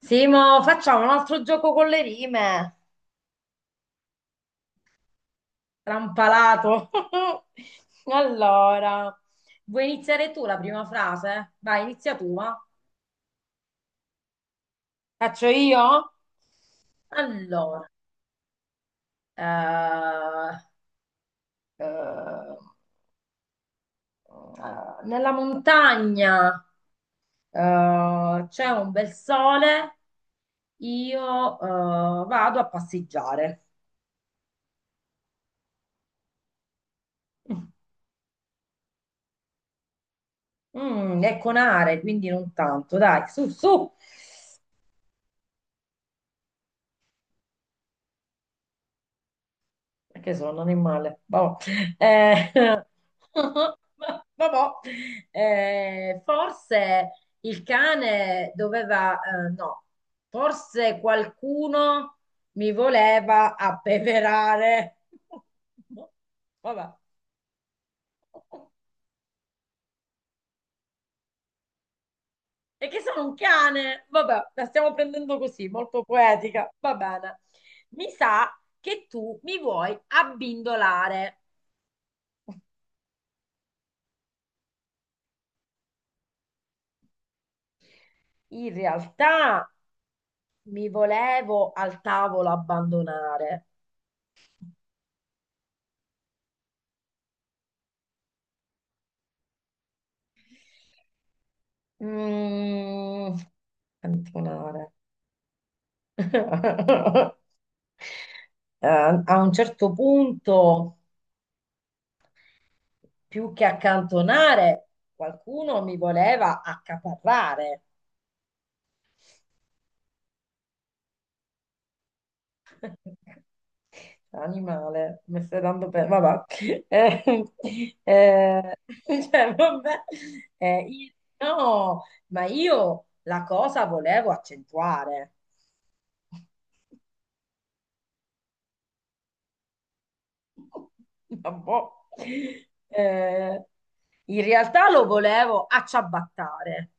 Simo, facciamo un altro gioco con le rime. Trampalato. Allora, vuoi iniziare tu la prima frase? Vai, inizia tu, va. Faccio io? Allora, eh, eh, nella montagna c'è un bel sole, io vado a passeggiare. Mm, è con are, quindi non tanto, dai, su, su. Perché sono un animale. Vabbò. Eh, vabbò. Forse il cane doveva, no, forse qualcuno mi voleva appeverare. Vabbè. E che sono un cane. Vabbè, la stiamo prendendo così, molto poetica. Va bene. Mi sa che tu mi vuoi abbindolare. In realtà. Mi volevo al tavolo abbandonare. Mm, abbandonare. Eh, a un certo punto, più che accantonare, qualcuno mi voleva accaparrare. Animale, mi stai dando per... Vabbè. Eh, eh, cioè, vabbè. No, ma io la cosa volevo accentuare. Vabbò. Eh, in realtà lo volevo acciabattare.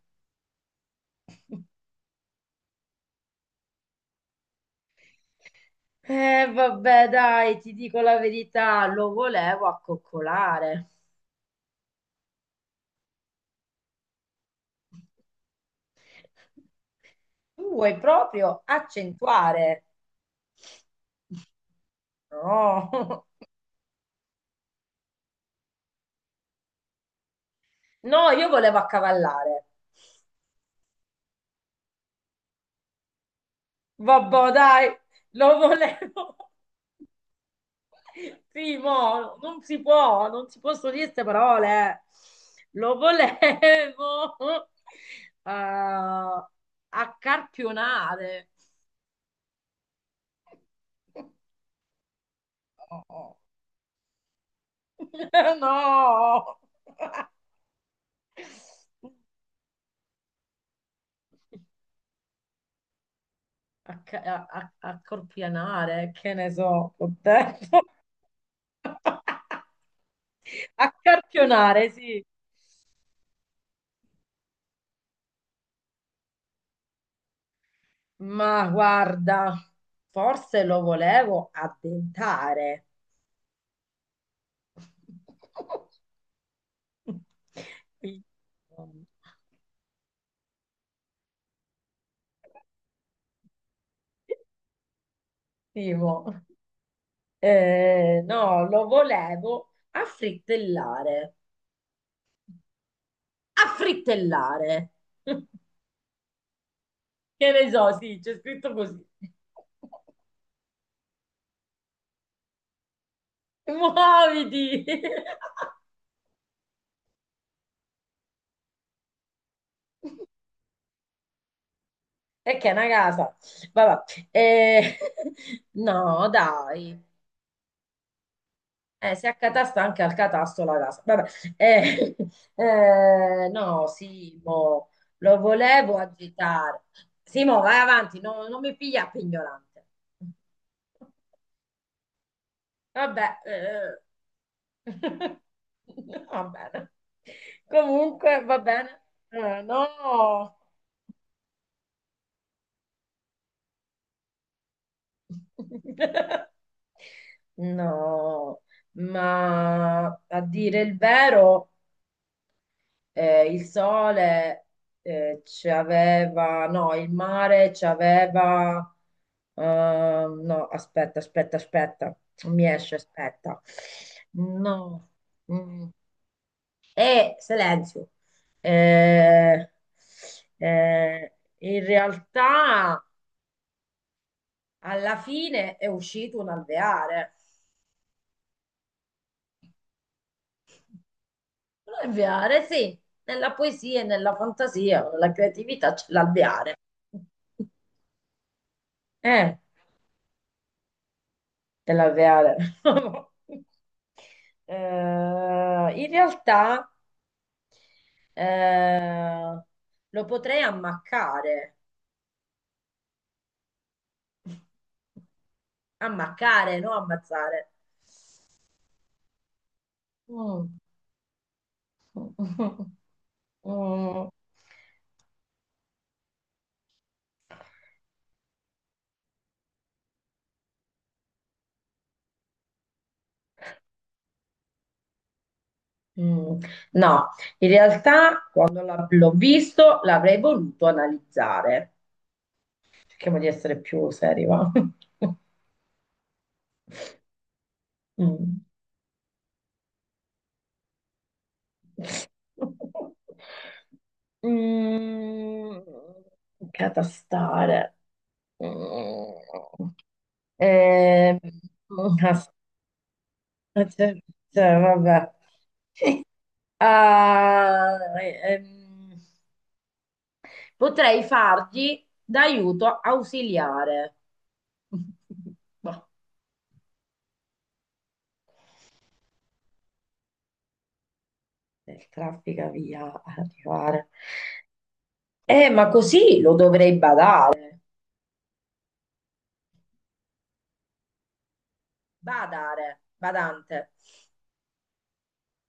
Vabbè, dai, ti dico la verità, lo volevo accoccolare. Tu vuoi proprio accentuare. No, no, io volevo accavallare. Vabbè, dai, lo volevo. Primo, non si possono dire queste parole. Lo volevo a accarpionare. No. No. Accorpianare, che ne so, ho detto. Accarpionare, sì. Ma guarda, forse lo volevo addentare. Quindi, Timo, no, lo volevo affrittellare. Affrittellare. Che ne so, sì, c'è scritto così. Muoviti! E che è una casa. Vabbè. Eh, no, dai. Si accatasta anche al catasto la casa. Vabbè. Eh, no, Simo, lo volevo agitare. Simo, vai avanti, non mi piglia per ignorante. Vabbè. Va bene. Comunque, va bene. No. No, ma a dire il vero, il sole ci aveva, no, il mare ci aveva, no, aspetta, aspetta, aspetta, non mi esce, aspetta, no, mm. Silenzio. Eh, eh, in realtà alla fine è uscito un alveare. L'alveare, sì, nella poesia e nella fantasia, nella creatività c'è l'alveare. Eh, c'è l'alveare. Eh, in realtà eh, lo potrei ammaccare, ammaccare, non ammazzare. Mm. Mm. Mm. No, in realtà quando l'ho visto l'avrei voluto analizzare. Cerchiamo di essere più seri, va? Mm. Mm, catastare. Mm. Eh, as- cioè, vabbè. Ah, ehm, potrei fargli d'aiuto ausiliare. Boh, del traffica via ad arrivare. Ma così lo dovrei badare. Badare, badante.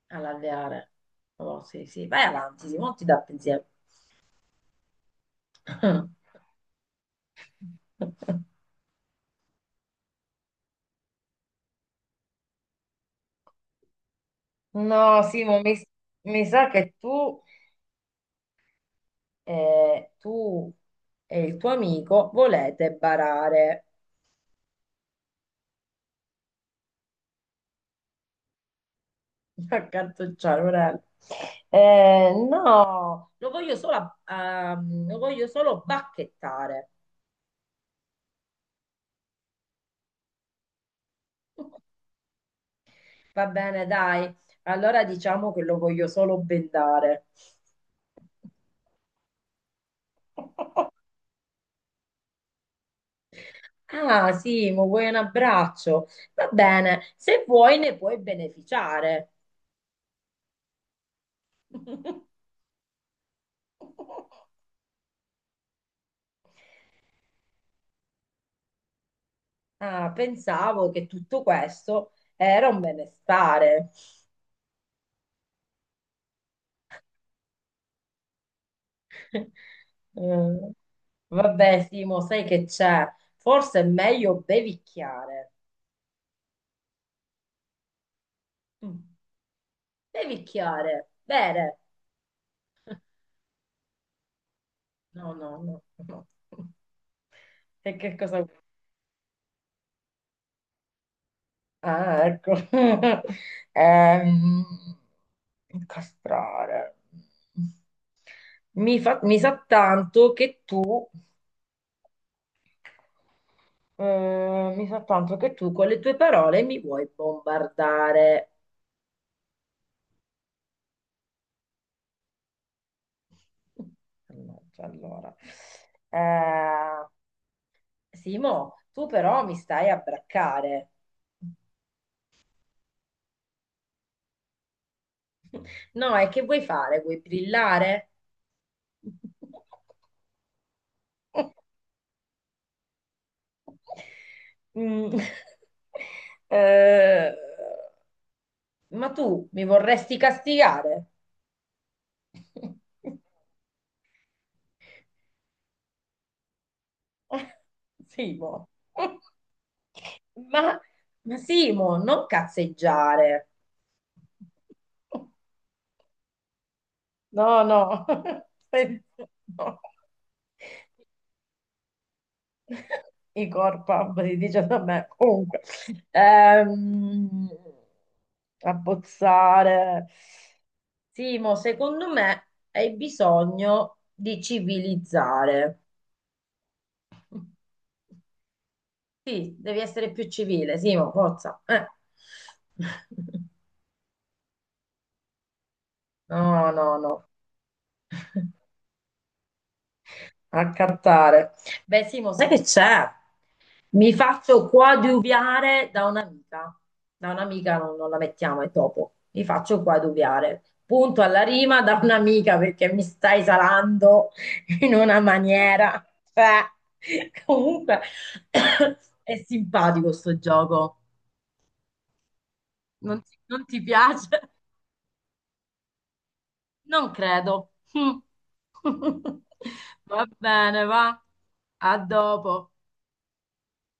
All'alveare. Oh, sì, sì, vai avanti, Simo, non ti dà pensiero. No, Simo, mi sa che tu, tu e il tuo amico volete barare, accantucciare, Morello. No, lo voglio solo bacchettare. Va bene, dai, allora diciamo che lo voglio solo bendare. Ah, Simo, vuoi un abbraccio? Va bene, se vuoi ne puoi beneficiare. Ah, pensavo che tutto questo era un benestare. Mm, vabbè, Simo, sai che c'è? Forse è meglio bevicchiare. Mm, bevicchiare, bere. No, no, no, no. E che cosa... Ah, ecco. Ehm, incastrare. Mi sa tanto che tu, mi sa tanto che tu con le tue parole mi vuoi bombardare. Mannaggia, allora, eh, Simo, tu però mi stai a braccare. No, e che vuoi fare? Vuoi brillare? Mm. Eh, ma tu mi vorresti castigare? Simo. Ma, ma Simo, non cazzeggiare. No, no. Stai- no. I corpa, si dice da me. Comunque. Ehm, abbozzare. Simo, secondo me hai bisogno di civilizzare. Sì, devi essere più civile, Simo, forza. No, no, no. A cantare. Beh, Simo, sai che c'è? Mi faccio coadiuviare da un'amica. Da un'amica non la mettiamo, è dopo. Mi faccio coadiuviare. Punto alla rima da un'amica perché mi stai salando in una maniera. Cioè, comunque è simpatico sto gioco. Non ti piace? Non credo. Va bene, va. A dopo.